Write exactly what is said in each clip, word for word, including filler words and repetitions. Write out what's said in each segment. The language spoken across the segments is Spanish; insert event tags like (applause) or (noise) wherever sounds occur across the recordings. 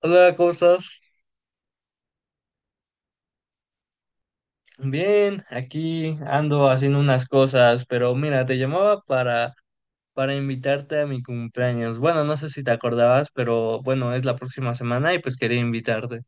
Hola, ¿cómo estás? Bien, aquí ando haciendo unas cosas, pero mira, te llamaba para, para invitarte a mi cumpleaños. Bueno, no sé si te acordabas, pero bueno, es la próxima semana y pues quería invitarte.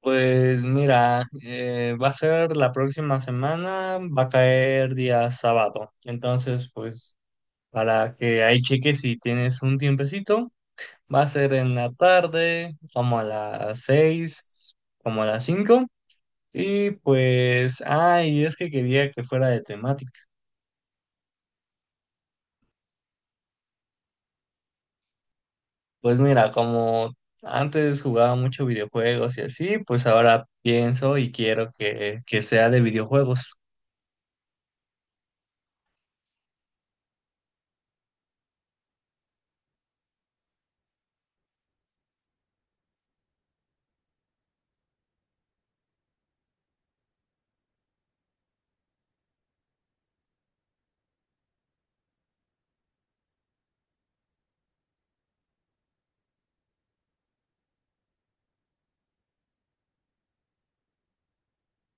Pues mira, eh, va a ser la próxima semana, va a caer día sábado. Entonces, pues para que ahí cheques si tienes un tiempecito, va a ser en la tarde, como a las seis, como a las cinco. Y pues, ay, es que quería que fuera de temática. Pues mira, como antes jugaba mucho videojuegos y así, pues ahora pienso y quiero que, que sea de videojuegos.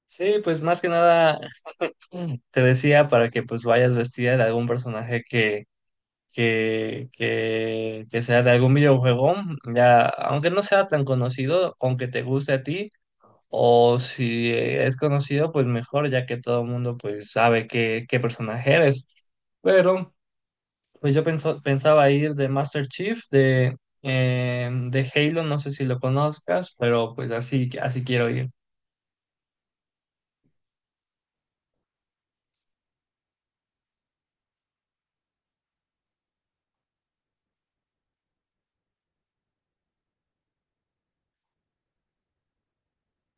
Sí, pues más que nada, mm, te decía para que pues vayas vestida de algún personaje que, que, que, que sea de algún videojuego, ya, aunque no sea tan conocido, aunque te guste a ti. O si es conocido, pues mejor, ya que todo el mundo pues sabe qué, qué personaje eres. Pero pues yo penso- pensaba ir de Master Chief, de, eh, de Halo, no sé si lo conozcas, pero pues así, así quiero ir.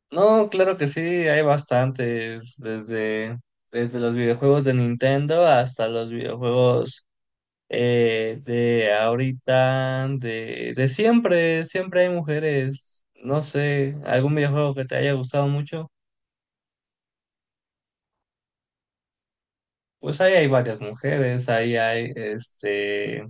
No, claro que sí, hay bastantes, desde, desde los videojuegos de Nintendo hasta los videojuegos. Eh, de ahorita, de, de siempre, siempre hay mujeres, no sé, algún videojuego que te haya gustado mucho, pues ahí hay varias mujeres, ahí hay, este,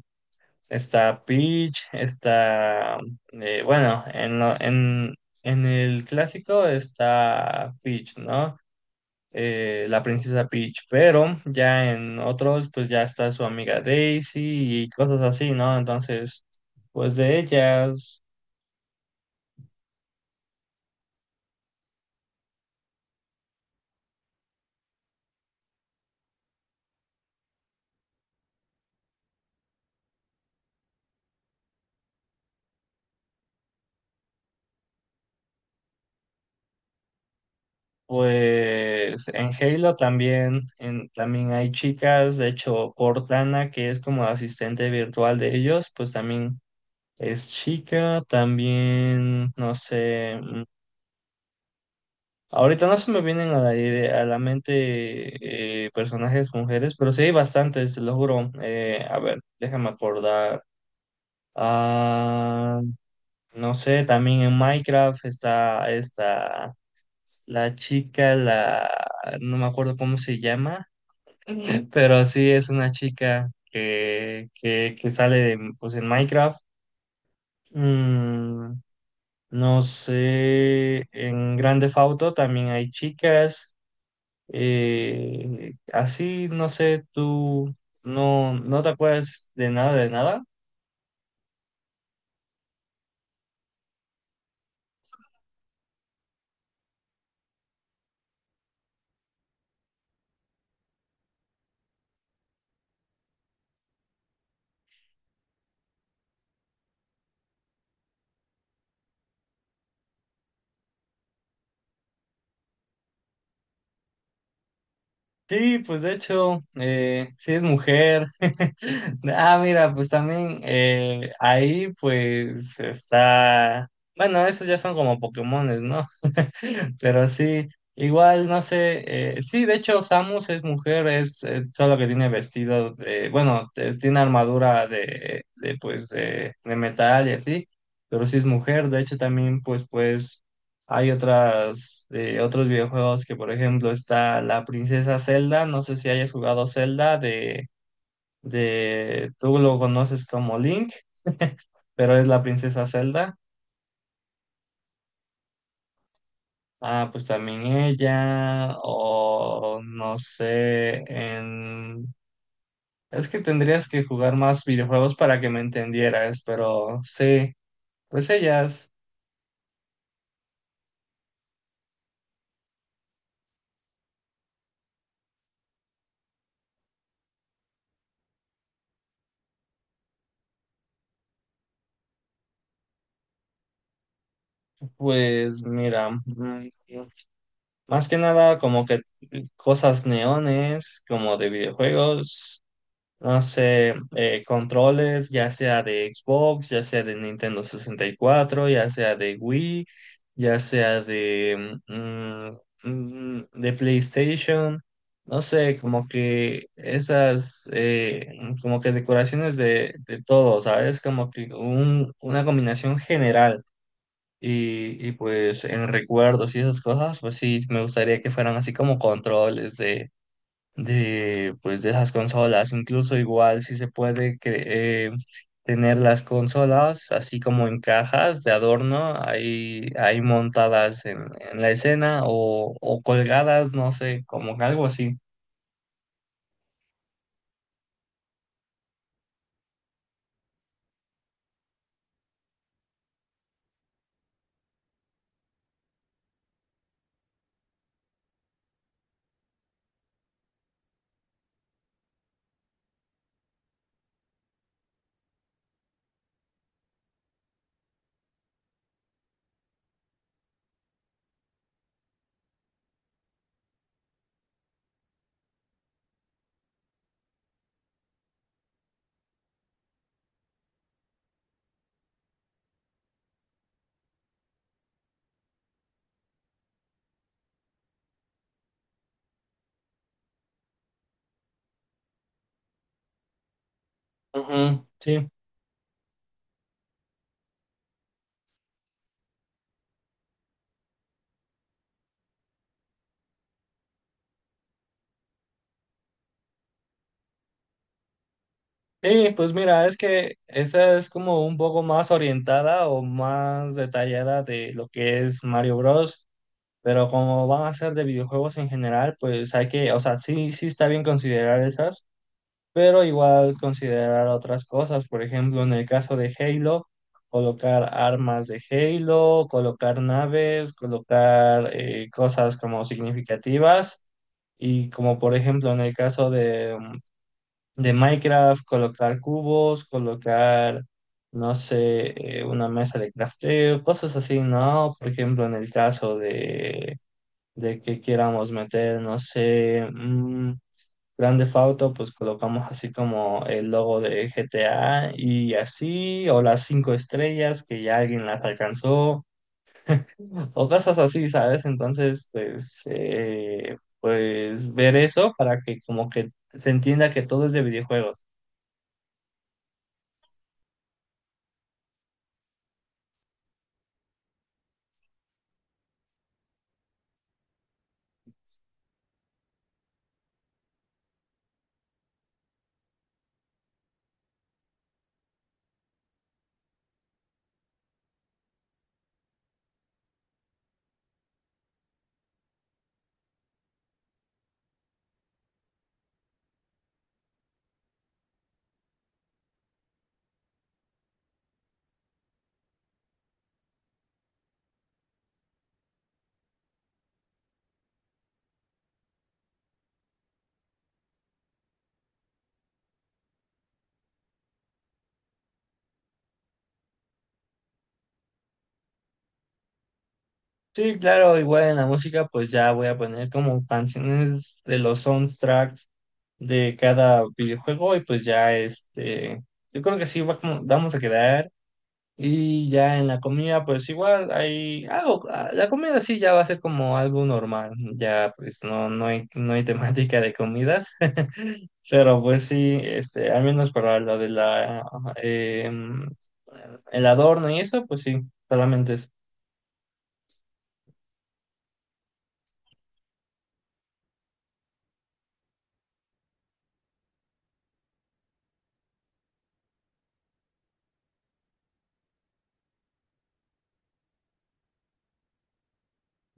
está Peach, está, eh, bueno, en, lo- en, en el clásico está Peach, ¿no? Eh, la princesa Peach, pero ya en otros, pues ya está su amiga Daisy y cosas así, ¿no? Entonces, pues de ellas. Pues en Halo también, en, también hay chicas, de hecho Cortana, que es como asistente virtual de ellos, pues también es chica, también, no sé, mm, ahorita no se me vienen a la, ide- a la mente, eh, personajes mujeres, pero sí hay bastantes, te lo juro. Eh, a ver, déjame acordar. Ah, no sé, también en Minecraft está esta, la chica, la, no me acuerdo cómo se llama. (laughs) Pero sí es una chica que, que, que sale de, pues en Minecraft. Mm, no sé, en Grande Auto también hay chicas. Eh, así, no sé, tú no, no te acuerdas de nada, de nada. Sí, pues de hecho, eh, sí es mujer. (laughs) Ah, mira, pues también, eh, ahí pues está, bueno, esos ya son como Pokémones, ¿no? (laughs) Pero sí, igual, no sé, eh, sí, de hecho Samus es mujer, es eh, solo que tiene vestido, de, bueno, te- tiene armadura de, de, pues, de, de metal y así, pero sí es mujer, de hecho también, pues, pues, hay otras, eh, otros videojuegos que, por ejemplo, está la princesa Zelda, no sé si hayas jugado Zelda, de, de, tú lo conoces como Link, pero es la princesa Zelda. Ah, pues también ella, o no sé, en... Es que tendrías que jugar más videojuegos para que me entendieras, pero sí, pues ellas. Pues mira, mm, más que nada como que cosas neones, como de videojuegos, no sé, eh, controles, ya sea de Xbox, ya sea de Nintendo sesenta y cuatro, ya sea de Wii, ya sea de, mm, mm, de PlayStation, no sé, como que esas, eh, como que decoraciones de, de todo, ¿sabes? Como que un- una combinación general. Y, y pues en recuerdos y esas cosas, pues sí, me gustaría que fueran así como controles de, de, pues, de esas consolas. Incluso igual si se puede cre- eh, tener las consolas así como en cajas de adorno, ahí, ahí montadas en, en la escena o, o colgadas, no sé, como algo así. Ujú, sí. Sí, pues mira, es que esa es como un poco más orientada o más detallada de lo que es Mario Bros. Pero como van a ser de videojuegos en general, pues hay que, o sea, sí, sí está bien considerar esas. Pero igual considerar otras cosas, por ejemplo, en el caso de Halo, colocar armas de Halo, colocar naves, colocar, eh, cosas como significativas. Y como por ejemplo en el caso de, mm, de Minecraft, colocar cubos, colocar, no sé, eh, una mesa de crafteo, cosas así, ¿no? Por ejemplo, en el caso de, de que queramos meter, no sé, mm, Grand Theft Auto, pues colocamos así como el logo de G T A y así, o las cinco estrellas que ya alguien las alcanzó, o cosas así, ¿sabes? Entonces, pues, eh, pues ver eso para que como que se entienda que todo es de videojuegos. Sí, claro, igual en la música, pues ya voy a poner como canciones de los soundtracks de cada videojuego y pues ya, este, yo creo que sí va como- vamos a quedar. Y ya en la comida, pues igual hay algo, ah, la comida sí ya va a ser como algo normal, ya pues no, no hay, no hay temática de comidas. (laughs) Pero pues sí, este, al menos para lo de la, ah, em, el adorno y eso, pues sí, solamente es.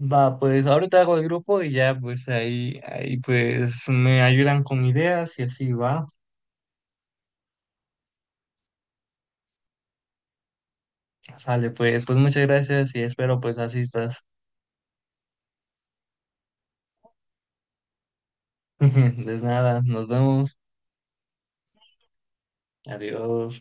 Va, pues ahorita hago el grupo y ya pues ahí, ahí pues me ayudan con ideas y así va. Sale, pues, pues muchas gracias y espero pues asistas. (laughs) Pues nada, nos vemos. Adiós.